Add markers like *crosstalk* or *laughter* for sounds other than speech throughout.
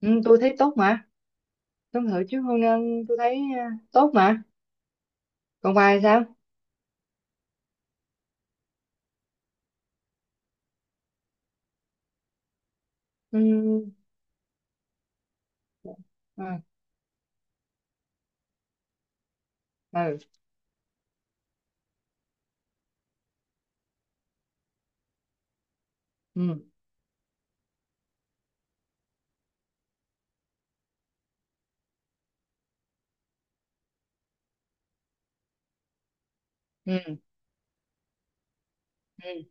Ừ, tôi thấy tốt mà tôi thử chứ hôn nhân tôi thấy tốt mà còn bài sao. Ừ, ừ, ừ, ừ, ừ. Ừ.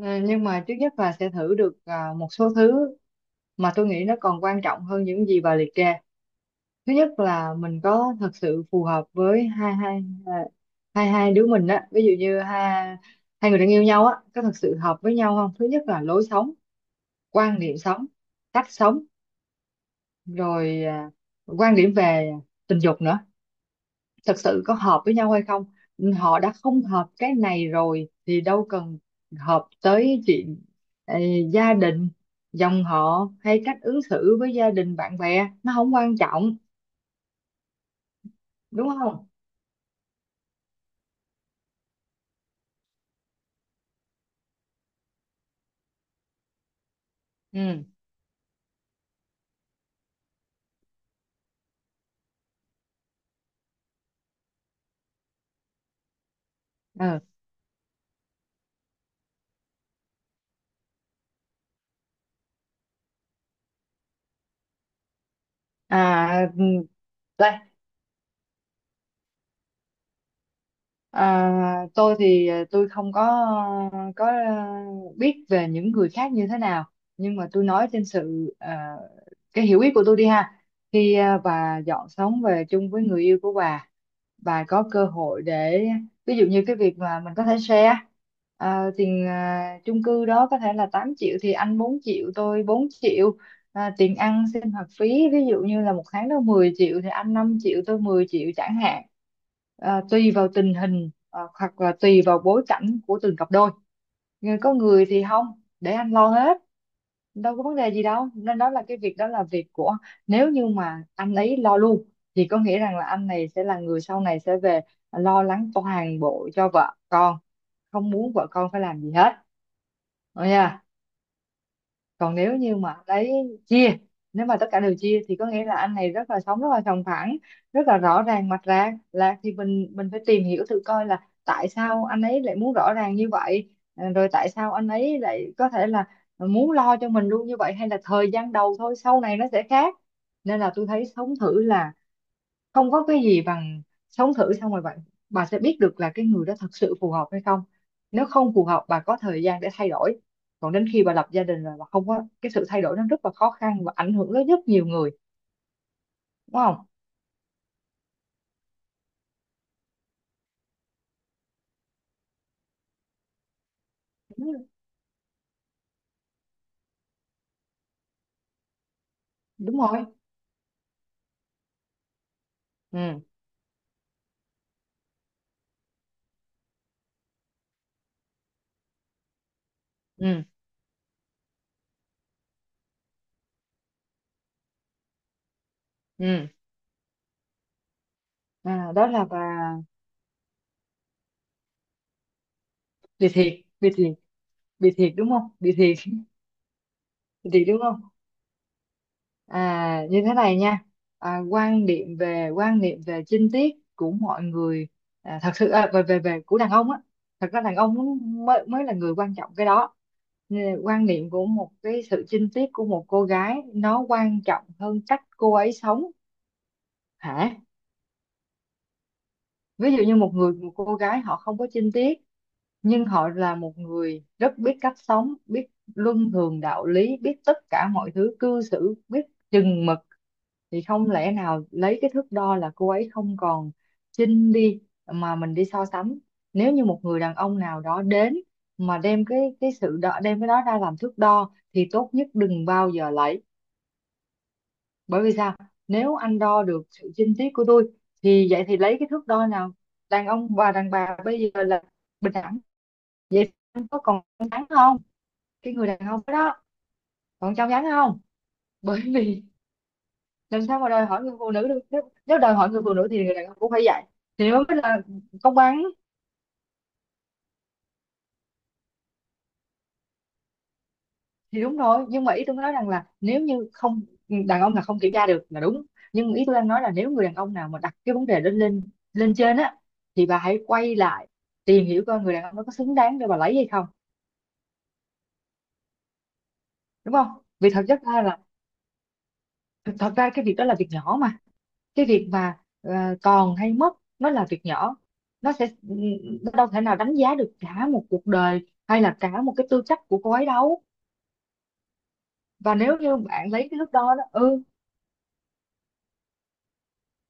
Ờ, nhưng mà trước nhất bà sẽ thử được một số thứ mà tôi nghĩ nó còn quan trọng hơn những gì bà liệt kê. Thứ nhất là mình có thật sự phù hợp với hai hai à, hai hai đứa mình á, ví dụ như hai hai người đang yêu nhau á, có thật sự hợp với nhau không? Thứ nhất là lối sống, quan niệm sống, cách sống, rồi quan điểm về tình dục nữa, thật sự có hợp với nhau hay không. Họ đã không hợp cái này rồi thì đâu cần hợp tới chuyện ờ, gia đình, dòng họ, hay cách ứng xử với gia đình bạn bè, nó không quan trọng, đúng không? Ừ, ừ, à. À, tôi thì tôi không có, có, biết về những người khác như thế nào, nhưng mà tôi nói trên sự cái hiểu biết của tôi đi ha. Khi bà dọn sống về chung với người yêu của bà có cơ hội để ví dụ như cái việc mà mình có thể share tiền, chung cư đó có thể là 8 triệu thì anh 4 triệu tôi 4 triệu, tiền ăn sinh hoạt phí ví dụ như là một tháng đó 10 triệu thì anh 5 triệu tôi 10 triệu chẳng hạn. Tùy vào tình hình, hoặc là tùy vào bối cảnh của từng cặp đôi. Nhưng có người thì không, để anh lo hết, đâu có vấn đề gì đâu, nên đó là cái việc, đó là việc của, nếu như mà anh ấy lo luôn thì có nghĩa rằng là anh này sẽ là người sau này sẽ về lo lắng toàn bộ cho vợ con, không muốn vợ con phải làm gì hết. Rồi còn nếu như mà lấy, chia, nếu mà tất cả đều chia thì có nghĩa là anh này rất là sống rất là sòng phẳng, rất là rõ ràng mạch ra là, thì mình phải tìm hiểu thử coi là tại sao anh ấy lại muốn rõ ràng như vậy, rồi tại sao anh ấy lại có thể là muốn lo cho mình luôn như vậy, hay là thời gian đầu thôi sau này nó sẽ khác. Nên là tôi thấy sống thử là không có cái gì bằng, sống thử xong rồi bạn, bà sẽ biết được là cái người đó thật sự phù hợp hay không. Nếu không phù hợp bà có thời gian để thay đổi, còn đến khi bà lập gia đình rồi bà không có cái sự thay đổi, nó rất là khó khăn và ảnh hưởng đến rất nhiều người, đúng không? Đúng, đúng rồi. Ừ, ừ, ừ, à, đó là bà bị thiệt, bị thiệt, bị thiệt đúng không, bị thiệt *laughs* bị thiệt đúng không. À, như thế này nha, quan điểm về, quan niệm về chinh tiết của mọi người, thật sự về về về của đàn ông á, thật ra đàn ông mới mới là người quan trọng cái đó. Nên quan niệm của một cái sự chinh tiết của một cô gái nó quan trọng hơn cách cô ấy sống, hả? Ví dụ như một người, một cô gái họ không có chinh tiết, nhưng họ là một người rất biết cách sống, biết luân thường đạo lý, biết tất cả mọi thứ, cư xử biết chừng mực, thì không lẽ nào lấy cái thước đo là cô ấy không còn chinh đi mà mình đi so sánh. Nếu như một người đàn ông nào đó đến mà đem cái sự đo, đem cái đó ra làm thước đo thì tốt nhất đừng bao giờ lấy. Bởi vì sao? Nếu anh đo được sự chinh tiết của tôi thì vậy thì lấy cái thước đo nào? Đàn ông và đàn bà bây giờ là bình đẳng, vậy anh có còn trong trắng không, cái người đàn ông đó còn trong trắng không? Bởi vì làm sao mà đòi hỏi người phụ nữ được, nếu, nếu đòi hỏi người phụ nữ thì người đàn ông cũng phải dạy, thì nếu mới là công bằng. Thì đúng rồi, nhưng mà ý tôi nói rằng là, nếu như không, đàn ông là không kiểm tra được là đúng, nhưng ý tôi đang nói là nếu người đàn ông nào mà đặt cái vấn đề lên lên lên trên á, thì bà hãy quay lại tìm hiểu coi người đàn ông đó có xứng đáng để bà lấy hay không, đúng không? Vì thật chất ra là, thật ra cái việc đó là việc nhỏ mà, cái việc mà còn hay mất nó là việc nhỏ, nó sẽ, nó đâu thể nào đánh giá được cả một cuộc đời hay là cả một cái tư cách của cô ấy đâu. Và nếu như bạn lấy cái thước đo đó, ừ,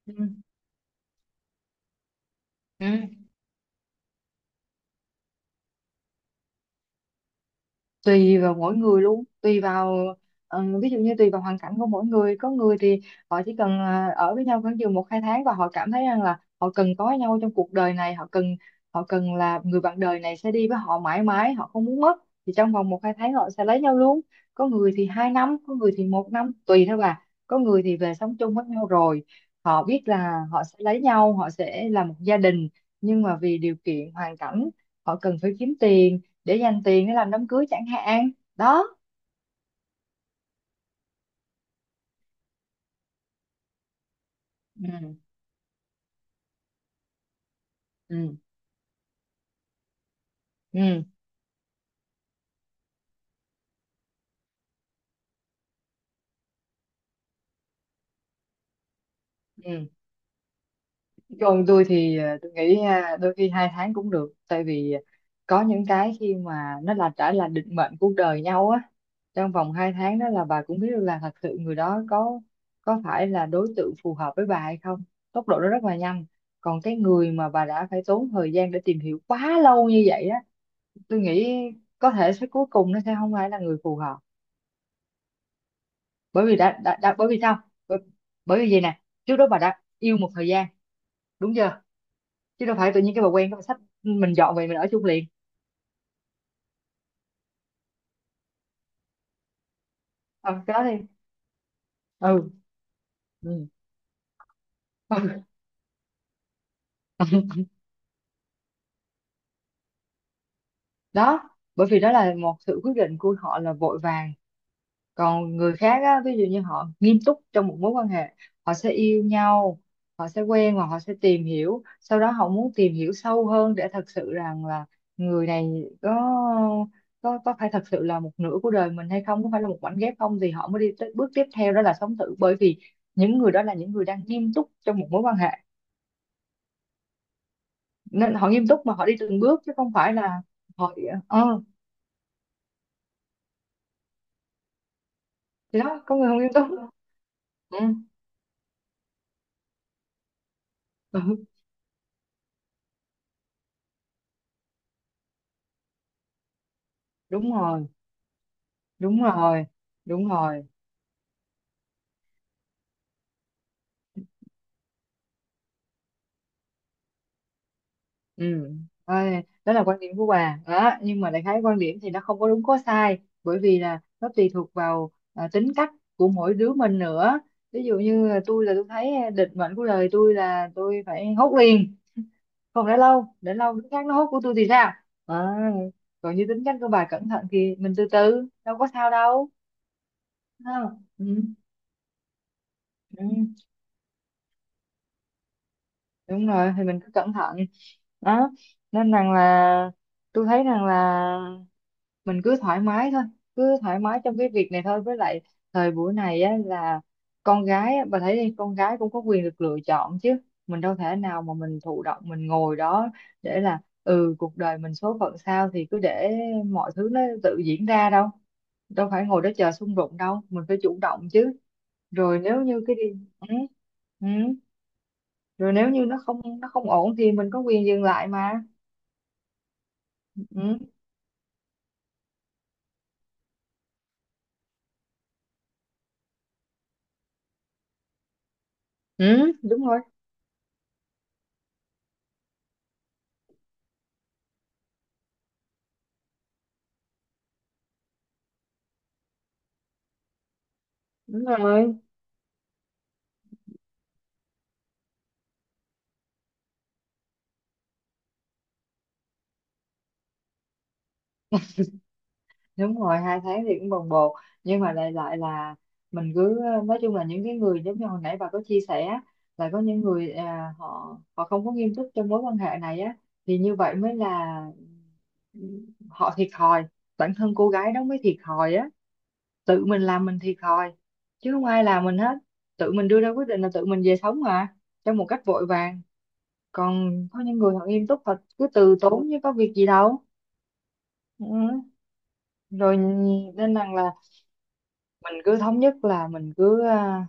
ừ, ừ. Tùy vào mỗi người luôn, tùy vào ví dụ như tùy vào hoàn cảnh của mỗi người. Có người thì họ chỉ cần ở với nhau khoảng chừng 1-2 tháng và họ cảm thấy rằng là họ cần có nhau trong cuộc đời này, họ cần, họ cần là người bạn đời này sẽ đi với họ mãi mãi, họ không muốn mất, thì trong vòng 1-2 tháng họ sẽ lấy nhau luôn. Có người thì 2 năm, có người thì 1 năm, tùy thôi bà. Có người thì về sống chung với nhau rồi họ biết là họ sẽ lấy nhau, họ sẽ là một gia đình, nhưng mà vì điều kiện hoàn cảnh họ cần phải kiếm tiền, để dành tiền để làm đám cưới chẳng hạn, đó. Ừ, ừ, ừ, ừ. Còn tôi thì tôi nghĩ đôi khi 2 tháng cũng được, tại vì có những cái khi mà nó là đã là định mệnh cuộc đời nhau á, trong vòng 2 tháng đó là bà cũng biết được là thật sự người đó có phải là đối tượng phù hợp với bà hay không, tốc độ nó rất là nhanh. Còn cái người mà bà đã phải tốn thời gian để tìm hiểu quá lâu như vậy á, tôi nghĩ có thể sẽ cuối cùng nó sẽ không phải là người phù hợp. Bởi vì đã bởi vì sao? bởi, bởi vì gì nè, trước đó bà đã yêu một thời gian đúng chưa, chứ đâu phải tự nhiên cái bà quen cái bà xách mình dọn về mình ở chung liền. Ừ, cái đó đi. Ừ. Ừ. *laughs* Ừ. Đó, bởi vì đó là một sự quyết định của họ là vội vàng. Còn người khác á, ví dụ như họ nghiêm túc trong một mối quan hệ, họ sẽ yêu nhau, họ sẽ quen và họ sẽ tìm hiểu, sau đó họ muốn tìm hiểu sâu hơn để thật sự rằng là người này có phải thật sự là một nửa của đời mình hay không, có phải là một mảnh ghép không, thì họ mới đi tới bước tiếp theo đó là sống thử. Bởi vì những người đó là những người đang nghiêm túc trong một mối quan hệ, nên họ nghiêm túc mà họ đi từng bước chứ không phải là họ ờ. Thì đó, có người không nghiêm túc. Ừ. Ừ, đúng rồi. Đúng rồi. Đúng rồi. Ừ. Ơi, đó là quan điểm của bà đó, nhưng mà đại khái quan điểm thì nó không có đúng có sai, bởi vì là nó tùy thuộc vào tính cách của mỗi đứa mình nữa. Ví dụ như là tôi, là tôi thấy định mệnh của đời tôi là tôi phải hốt liền, không để lâu, để lâu đứa khác nó hốt của tôi thì sao. à, còn như tính cách của bà cẩn thận thì mình từ từ đâu có sao đâu. Ha. Ừ. Ừ. Đúng rồi, thì mình cứ cẩn thận. Đó, nên rằng là tôi thấy rằng là mình cứ thoải mái thôi, cứ thoải mái trong cái việc này thôi. Với lại thời buổi này á, là con gái á, bà thấy đi, con gái cũng có quyền được lựa chọn chứ, mình đâu thể nào mà mình thụ động mình ngồi đó để là ừ cuộc đời mình số phận sao thì cứ để mọi thứ nó tự diễn ra đâu, đâu phải ngồi đó chờ xung đột đâu, mình phải chủ động chứ. Rồi nếu như cái đi, ừ, ừ. Rồi nếu như nó không ổn thì mình có quyền dừng lại mà. Ừ, ừ, đúng rồi. Đúng rồi. Đúng rồi. 2 tháng thì cũng bồng bột, nhưng mà lại lại là mình cứ nói chung là những cái người giống như hồi nãy bà có chia sẻ là có những người họ họ không có nghiêm túc trong mối quan hệ này á, thì như vậy mới là, ừ, họ thiệt thòi, bản thân cô gái đó mới thiệt thòi á, tự mình làm mình thiệt thòi chứ không ai làm mình hết. Tự mình đưa ra quyết định là tự mình về sống mà trong một cách vội vàng. Còn có những người họ nghiêm túc thật cứ từ tốn chứ có việc gì đâu. Ừ. Rồi, nên rằng là mình cứ thống nhất là mình cứ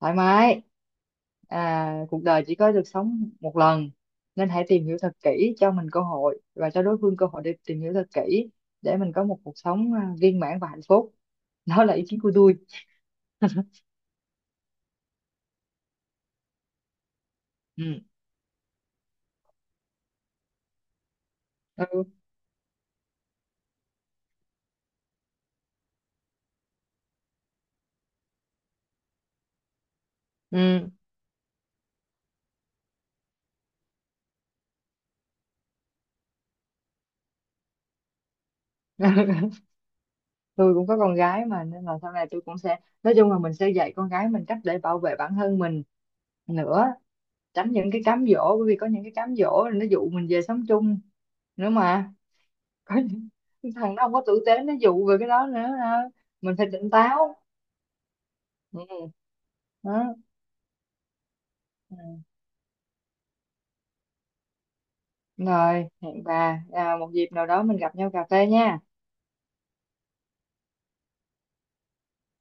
thoải mái. Cuộc đời chỉ có được sống một lần, nên hãy tìm hiểu thật kỹ, cho mình cơ hội và cho đối phương cơ hội để tìm hiểu thật kỹ, để mình có một cuộc sống viên mãn và hạnh phúc. *laughs* Đó là ý kiến của tôi. *laughs* Ừ, ừ, ừ. *laughs* Tôi cũng có con gái mà, nên là sau này tôi cũng sẽ, nói chung là mình sẽ dạy con gái mình cách để bảo vệ bản thân mình nữa, tránh những cái cám dỗ, bởi vì có những cái cám dỗ là nó dụ mình về sống chung nữa mà. *laughs* Có những thằng nó không có tử tế nó dụ về cái đó nữa ha. Mình phải tỉnh táo. Ừ. Đó. Ừ. Rồi hẹn bà một dịp nào đó mình gặp nhau cà phê nha.